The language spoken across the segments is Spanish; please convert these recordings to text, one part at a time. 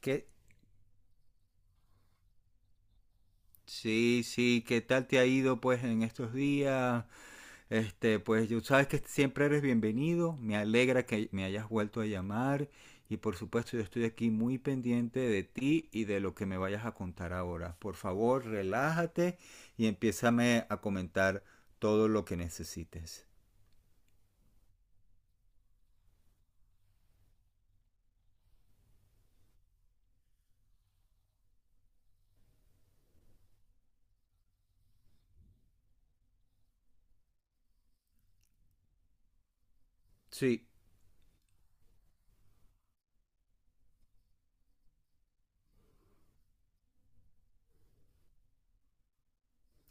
¿Qué? Sí, sí, ¿qué tal te ha ido pues en estos días? Este, pues yo sabes que siempre eres bienvenido, me alegra que me hayas vuelto a llamar y por supuesto yo estoy aquí muy pendiente de ti y de lo que me vayas a contar ahora. Por favor, relájate y empiézame a comentar todo lo que necesites. Sí,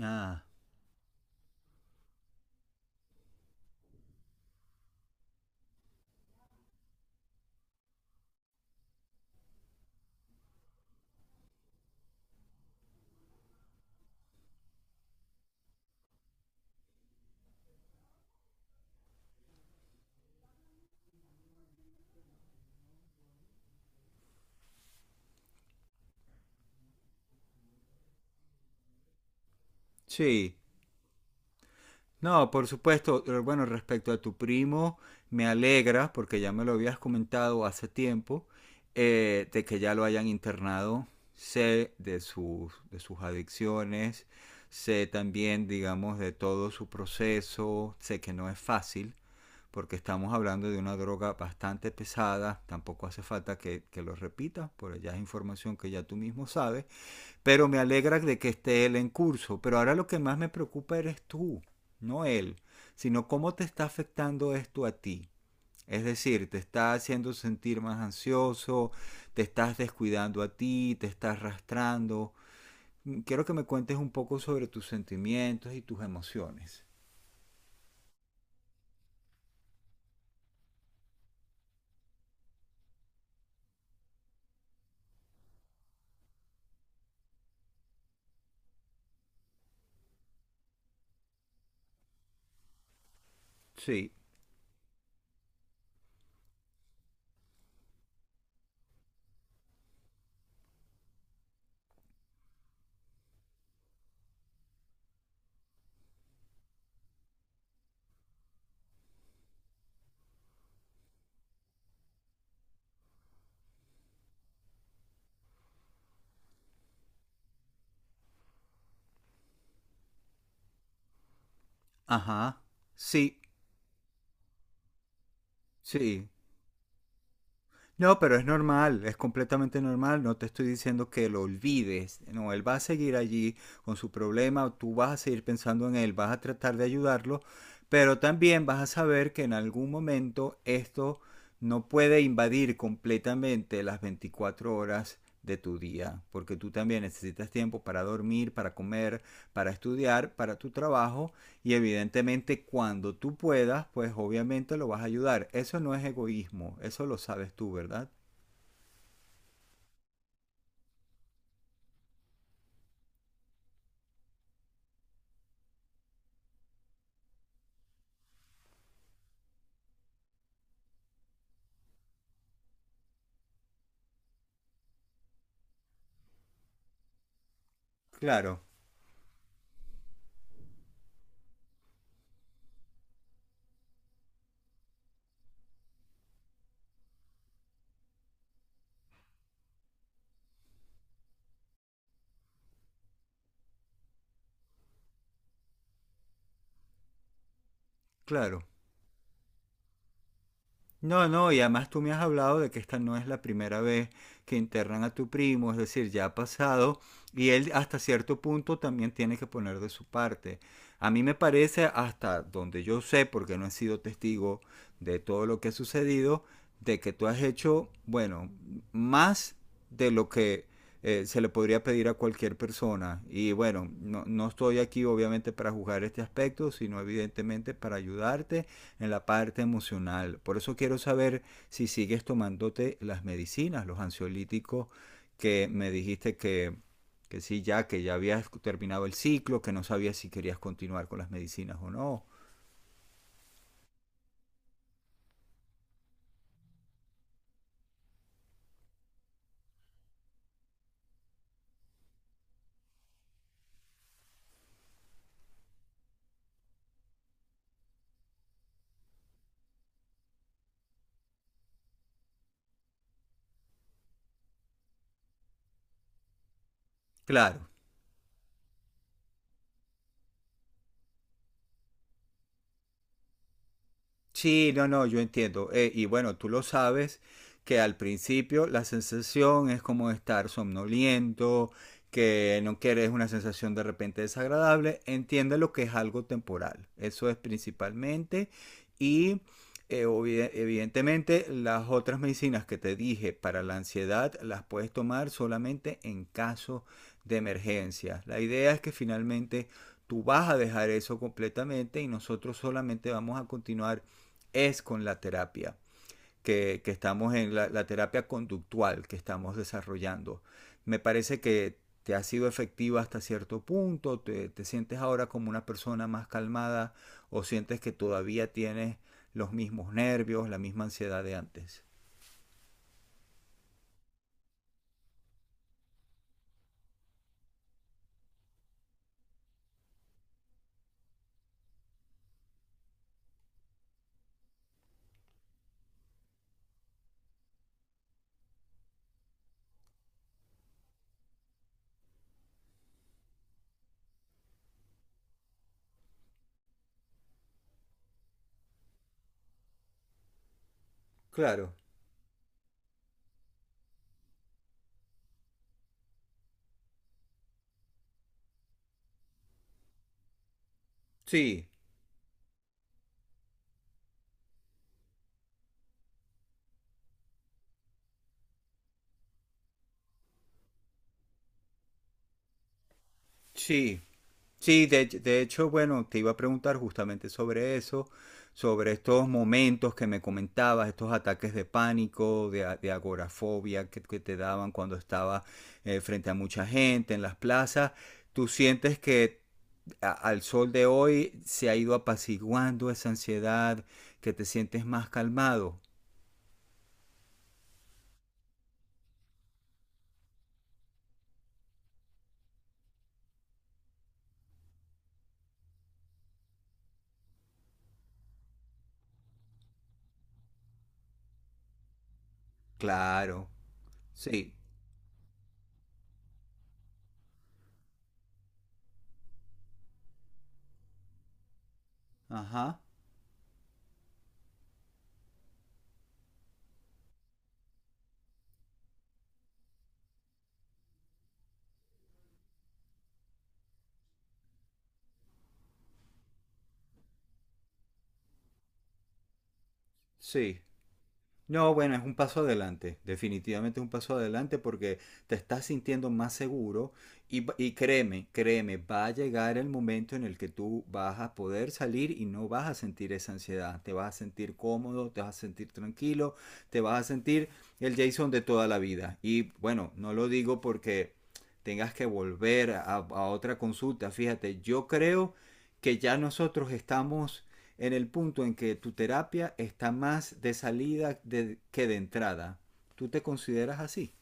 ah, sí. No, por supuesto. Bueno, respecto a tu primo, me alegra, porque ya me lo habías comentado hace tiempo, de que ya lo hayan internado. Sé de de sus adicciones, sé también, digamos, de todo su proceso. Sé que no es fácil, porque estamos hablando de una droga bastante pesada. Tampoco hace falta que lo repita, porque ya es información que ya tú mismo sabes. Pero me alegra de que esté él en curso. Pero ahora lo que más me preocupa eres tú, no él, sino cómo te está afectando esto a ti. Es decir, te está haciendo sentir más ansioso, te estás descuidando a ti, te estás arrastrando. Quiero que me cuentes un poco sobre tus sentimientos y tus emociones. Sí, ajá, sí, sí. No, pero es normal, es completamente normal. No te estoy diciendo que lo olvides. No, él va a seguir allí con su problema, tú vas a seguir pensando en él, vas a tratar de ayudarlo, pero también vas a saber que en algún momento esto no puede invadir completamente las 24 horas de tu día, porque tú también necesitas tiempo para dormir, para comer, para estudiar, para tu trabajo y evidentemente cuando tú puedas, pues obviamente lo vas a ayudar. Eso no es egoísmo, eso lo sabes tú, ¿verdad? Claro, claro. No, no, y además tú me has hablado de que esta no es la primera vez que internan a tu primo, es decir, ya ha pasado y él hasta cierto punto también tiene que poner de su parte. A mí me parece, hasta donde yo sé, porque no he sido testigo de todo lo que ha sucedido, de que tú has hecho, bueno, más de lo que se le podría pedir a cualquier persona. Y bueno, no, no estoy aquí obviamente para juzgar este aspecto, sino evidentemente para ayudarte en la parte emocional. Por eso quiero saber si sigues tomándote las medicinas, los ansiolíticos que me dijiste que sí, ya que ya habías terminado el ciclo, que no sabías si querías continuar con las medicinas o no. Claro, sí, no, no, yo entiendo. Y bueno, tú lo sabes que al principio la sensación es como estar somnoliento, que no quieres una sensación de repente desagradable. Entiende lo que es algo temporal. Eso es principalmente. Y evidentemente las otras medicinas que te dije para la ansiedad las puedes tomar solamente en caso de emergencia. La idea es que finalmente tú vas a dejar eso completamente y nosotros solamente vamos a continuar es con la terapia, que estamos en terapia conductual que estamos desarrollando. Me parece que te ha sido efectiva hasta cierto punto, te sientes ahora como una persona más calmada o sientes que todavía tienes los mismos nervios, la misma ansiedad de antes. Claro, sí, sí. Sí, de hecho, bueno, te iba a preguntar justamente sobre eso, sobre estos momentos que me comentabas, estos ataques de pánico, de agorafobia que te daban cuando estabas frente a mucha gente en las plazas. ¿Tú sientes que al sol de hoy se ha ido apaciguando esa ansiedad, que te sientes más calmado? Claro, sí, ajá, sí. No, bueno, es un paso adelante, definitivamente es un paso adelante porque te estás sintiendo más seguro y, y créeme, créeme, va a llegar el momento en el que tú vas a poder salir y no vas a sentir esa ansiedad, te vas a sentir cómodo, te vas a sentir tranquilo, te vas a sentir el Jason de toda la vida. Y bueno, no lo digo porque tengas que volver a otra consulta, fíjate, yo creo que ya nosotros estamos en el punto en que tu terapia está más de salida que de entrada. ¿Tú te consideras así?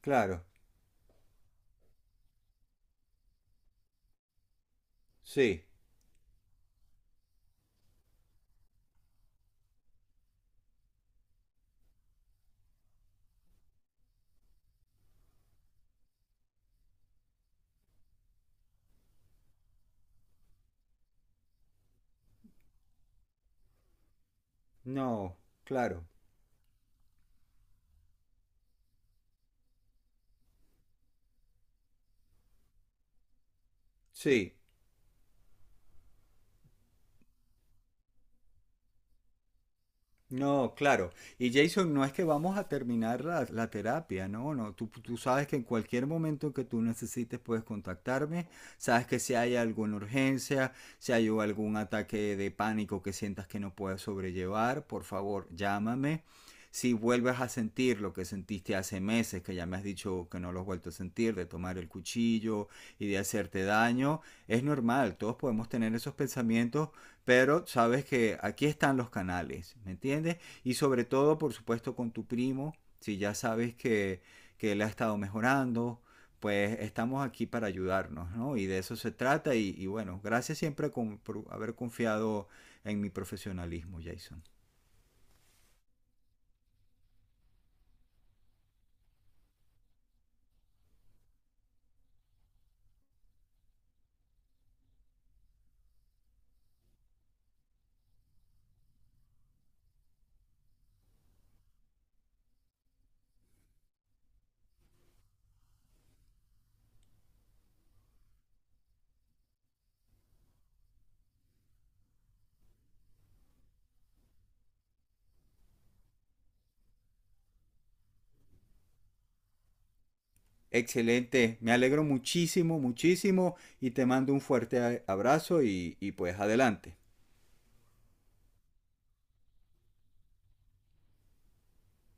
Claro, sí, no, claro, sí. No, claro. Y Jason, no es que vamos a terminar la terapia, no, no. Tú sabes que en cualquier momento que tú necesites puedes contactarme. Sabes que si hay alguna urgencia, si hay algún ataque de pánico que sientas que no puedes sobrellevar, por favor, llámame. Si vuelves a sentir lo que sentiste hace meses, que ya me has dicho que no lo has vuelto a sentir, de tomar el cuchillo y de hacerte daño, es normal, todos podemos tener esos pensamientos pero sabes que aquí están los canales, ¿me entiendes? Y sobre todo, por supuesto, con tu primo, si ya sabes que él ha estado mejorando, pues estamos aquí para ayudarnos, ¿no? Y de eso se trata y bueno, gracias siempre por haber confiado en mi profesionalismo, Jason. Excelente, me alegro muchísimo, muchísimo y te mando un fuerte abrazo y pues adelante.